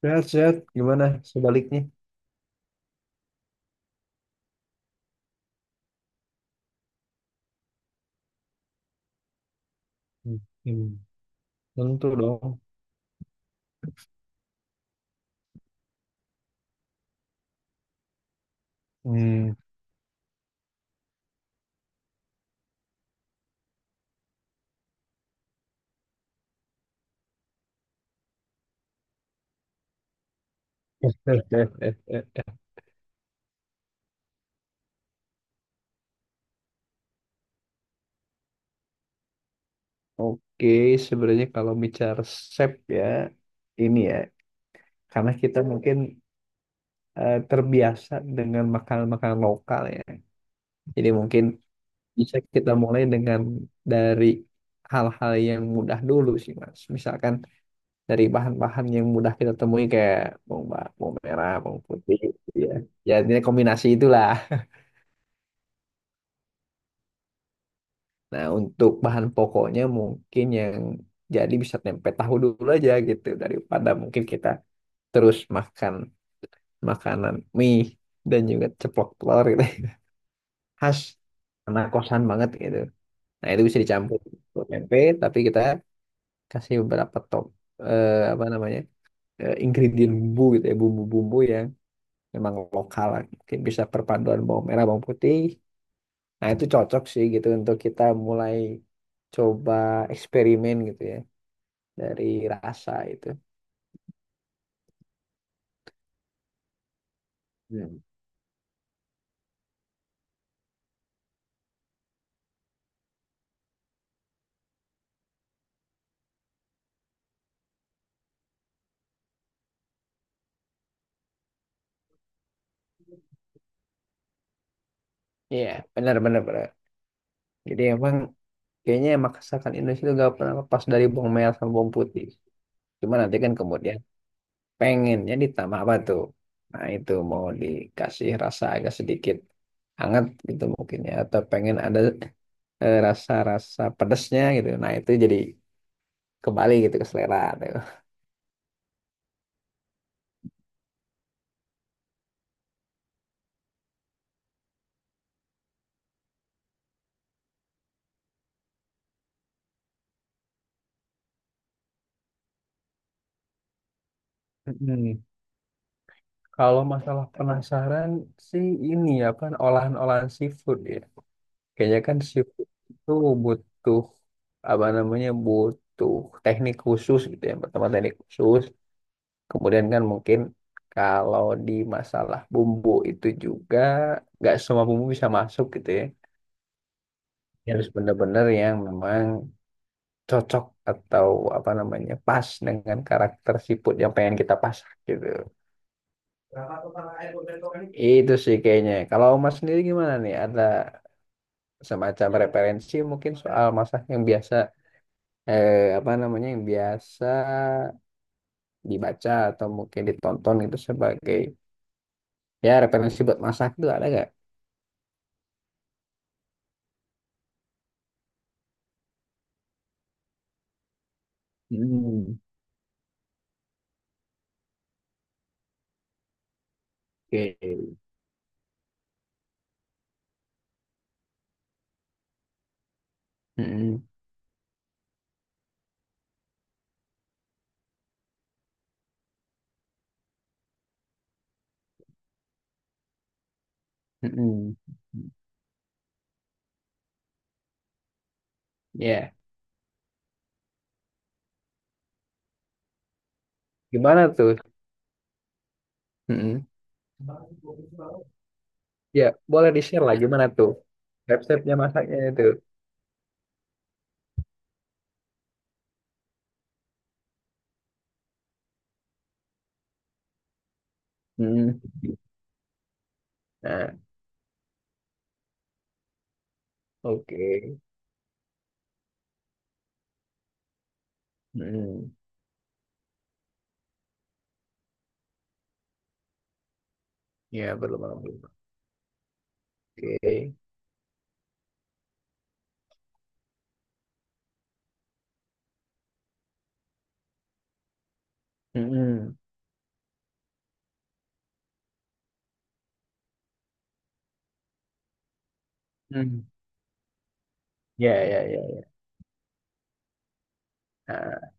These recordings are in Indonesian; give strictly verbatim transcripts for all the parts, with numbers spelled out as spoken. Sehat-sehat, gimana sebaliknya? Hmm. Tentu dong. Hmm. Oke, sebenarnya kalau bicara resep ya, ini ya, karena kita mungkin eh, terbiasa dengan makanan-makanan lokal ya. Jadi mungkin bisa kita mulai dengan dari hal-hal yang mudah dulu sih, Mas. Misalkan dari bahan-bahan yang mudah kita temui kayak bawang, ba- bawang merah, bawang putih, gitu ya. Ya, ini kombinasi itulah. Nah, untuk bahan pokoknya mungkin yang jadi bisa tempe tahu dulu aja gitu daripada mungkin kita terus makan makanan mie dan juga ceplok telur gitu. Khas anak kosan banget gitu. Nah, itu bisa dicampur ke tempe tapi kita kasih beberapa top eh, apa namanya? Eh, ingredient bumbu gitu ya, bumbu-bumbu yang memang lokal lah. Mungkin bisa perpaduan bawang merah, bawang putih. Nah, itu cocok sih gitu untuk kita mulai coba eksperimen gitu ya, dari rasa itu. Hmm. Iya, benar benar benar. Jadi emang kayaknya masakan Indonesia itu gak pernah lepas dari bawang merah sama bawang putih. Cuma nanti kan kemudian pengennya ditambah apa tuh? Nah itu mau dikasih rasa agak sedikit hangat gitu mungkin ya. Atau pengen ada eh, rasa-rasa pedesnya gitu. Nah itu jadi kembali gitu ke selera tuh. Mm-mm. Kalau masalah penasaran sih ini ya, kan olahan-olahan seafood ya. Kayaknya kan seafood itu butuh apa namanya butuh teknik khusus gitu ya. Pertama teknik khusus, kemudian kan mungkin kalau di masalah bumbu itu juga nggak semua bumbu bisa masuk gitu ya. Ya, harus benar-benar yang memang cocok atau apa namanya pas dengan karakter seafood yang pengen kita pasak gitu. Itu sih kayaknya. Kalau Mas sendiri gimana nih? Ada semacam referensi mungkin soal masak yang biasa eh, apa namanya yang biasa dibaca atau mungkin ditonton gitu sebagai ya referensi buat masak itu ada nggak? Hmm, oke. Mm-mm. Mm-mm. Ya, gimana tuh? Mm-mm. Ya, boleh di-share lah gimana tuh resepnya masaknya itu. Mm. Nah, oke. Mm. Ya, belum belum. Belum. Oke. Mm-mm. Mm. Ya, ya, ya.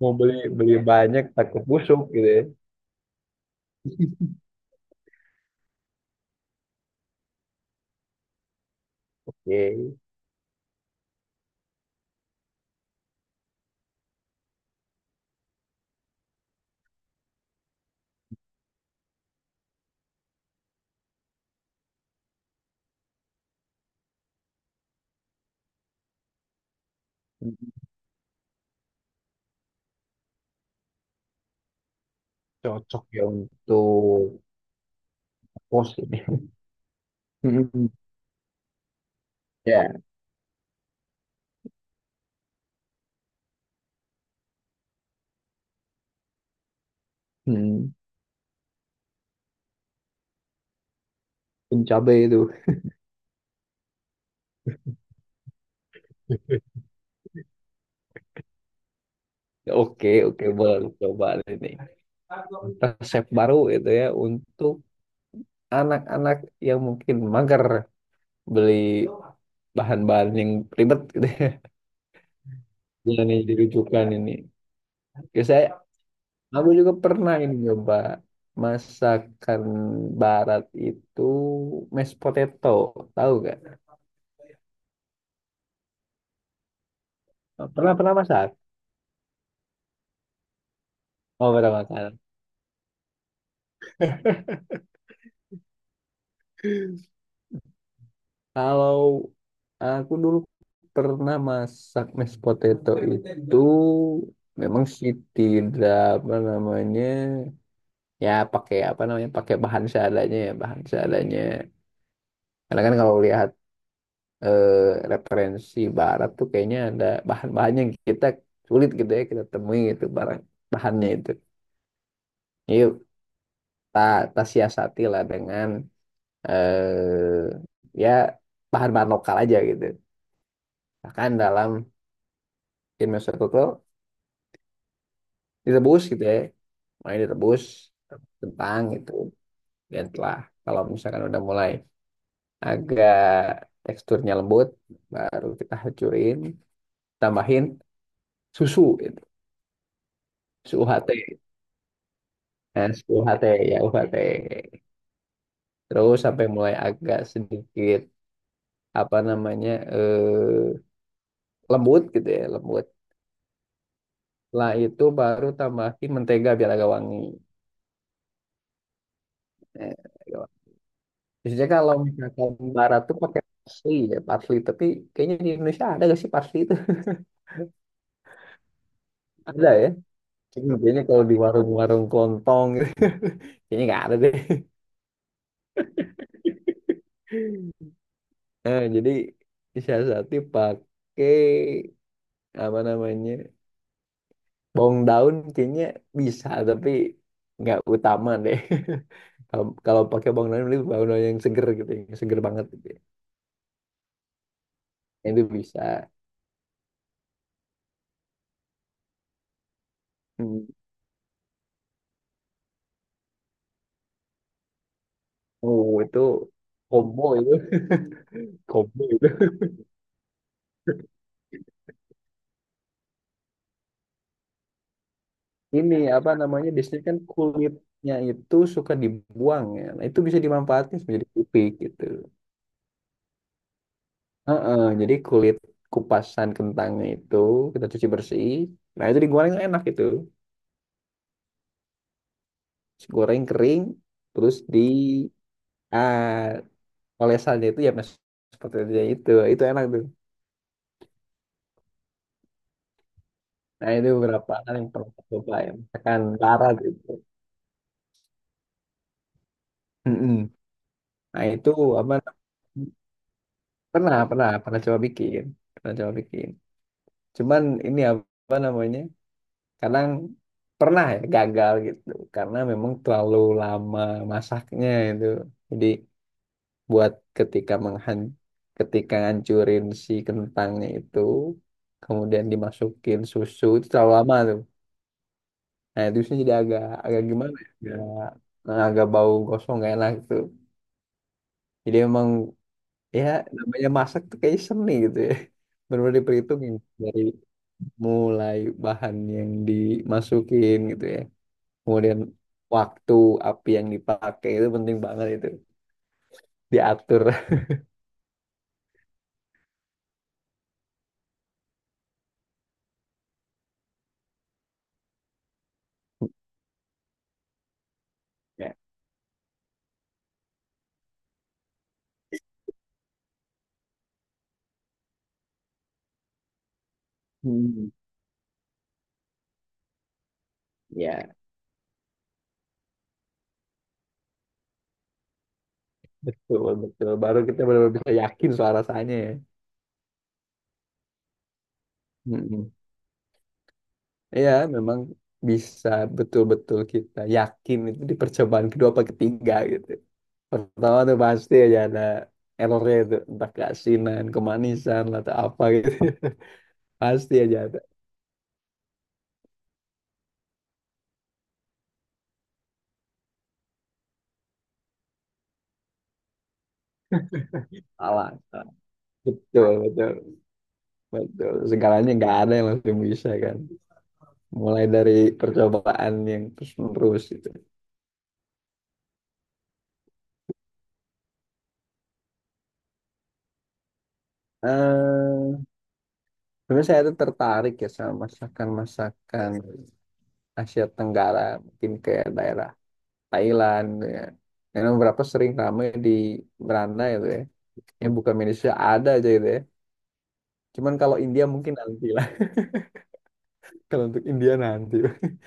Mau beli beli banyak takut busuk gitu ya. Oke. Cocok ya untuk pos ini. Ya. Hmm. Pun cabai itu. Oke, oke, boleh coba ini. Resep baru itu ya untuk anak-anak yang mungkin mager beli bahan-bahan yang ribet gitu ya. Ini dirujukan ini. Oke, saya aku juga pernah ini coba masakan barat itu mashed potato, tahu gak? Pernah pernah masak? Oh pernah makan. Kalau aku dulu pernah masak mashed potato itu memang sih tidak apa namanya ya pakai apa namanya pakai bahan seadanya ya bahan seadanya. Karena kan kalau lihat eh, referensi barat tuh kayaknya ada bahan bahannya yang kita sulit gitu ya kita temui gitu barang bahannya itu. Yuk, ta ta siasati lah dengan eh ya bahan-bahan lokal aja gitu. Bahkan dalam in itu tuh direbus gitu ya, mulai direbus kentang gitu. Dan telah kalau misalkan udah mulai agak teksturnya lembut, baru kita hancurin, tambahin susu gitu, susu U H T. Tes U H T ya U H T. Terus sampai mulai agak sedikit apa namanya eh, lembut gitu ya lembut. Setelah itu baru tambahin mentega biar agak wangi. Eh, Agak wangi. Biasanya kalau misalkan barat tuh pakai parsley ya parsley. Tapi kayaknya di Indonesia ada gak sih parsley itu? Ada ya. Cuma kayaknya kalau di warung-warung kelontong gitu. Kayaknya nggak ada deh. Eh, jadi disiasati pakai apa namanya? Bawang daun kayaknya bisa, tapi nggak utama deh. Kalau kalau pakai bawang daun, lebih bawang daun yang seger gitu, yang seger banget gitu ya. Itu bisa. Hmm. Oh, itu combo itu, combo itu. Ini apa namanya? Biasanya kan kulitnya itu suka dibuang ya. Nah, itu bisa dimanfaatkan menjadi kupik gitu. Heeh, jadi kulit kupasan kentangnya itu kita cuci bersih. Nah, itu digoreng enak itu. Terus goreng kering terus di ah, olesannya itu ya mas seperti itu ya itu itu enak tuh, nah itu beberapa hal yang pernah aku coba ya makan karat itu. Mm-mm. Nah itu apa pernah pernah pernah coba bikin, pernah coba bikin cuman ini apa namanya kadang pernah ya gagal gitu karena memang terlalu lama masaknya itu jadi buat ketika menghan ketika ngancurin si kentangnya itu kemudian dimasukin susu itu terlalu lama tuh. Nah, itu terusnya jadi agak agak gimana ya? Agak, nah, agak bau gosong gak enak gitu. Jadi emang ya namanya masak tuh kayak seni gitu ya. Benar-benar diperhitungin dari mulai bahan yang dimasukin gitu ya. Kemudian waktu api yang dipakai itu penting banget itu diatur. Ya. Hmm. Ya. Betul, betul. Baru kita benar-benar bisa yakin soal rasanya ya. Mm-mm. Ya, memang bisa betul-betul kita yakin itu di percobaan kedua apa ketiga gitu. Pertama tuh pasti aja ada errornya itu. Entah keasinan, kemanisan, atau apa gitu. Pasti aja ada. Salah, salah. Betul, betul, betul. Segalanya nggak ada yang langsung bisa kan. Mulai dari percobaan yang terus-menerus gitu. eh Sebenarnya saya tuh tertarik ya sama masakan-masakan Asia Tenggara. Mungkin kayak daerah Thailand gitu ya. Karena beberapa sering ramai di beranda gitu ya. Yang bukan Indonesia ada aja gitu ya. Cuman kalau India mungkin nanti lah. Kalau untuk India nanti.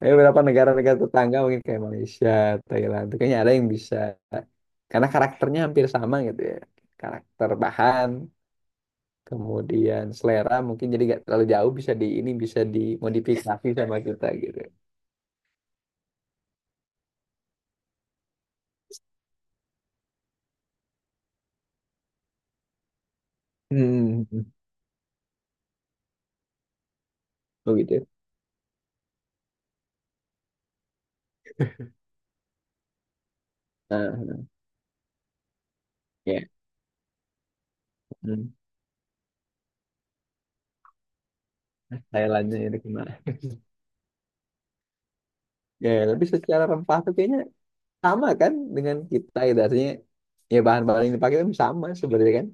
Ada beberapa negara-negara tetangga mungkin kayak Malaysia, Thailand, itu kayaknya ada yang bisa. Karena karakternya hampir sama gitu ya. Karakter bahan, kemudian selera mungkin jadi gak terlalu jauh bisa di ini bisa dimodifikasi sama kita gitu. Hmm, oh gitu ya? Nah, ya. Hmm. Thailandnya itu gimana? Ya, tapi secara rempah tuh kayaknya sama kan dengan kita gitu. Artinya ya bahan-bahan yang dipakai kan sama sebenarnya kan.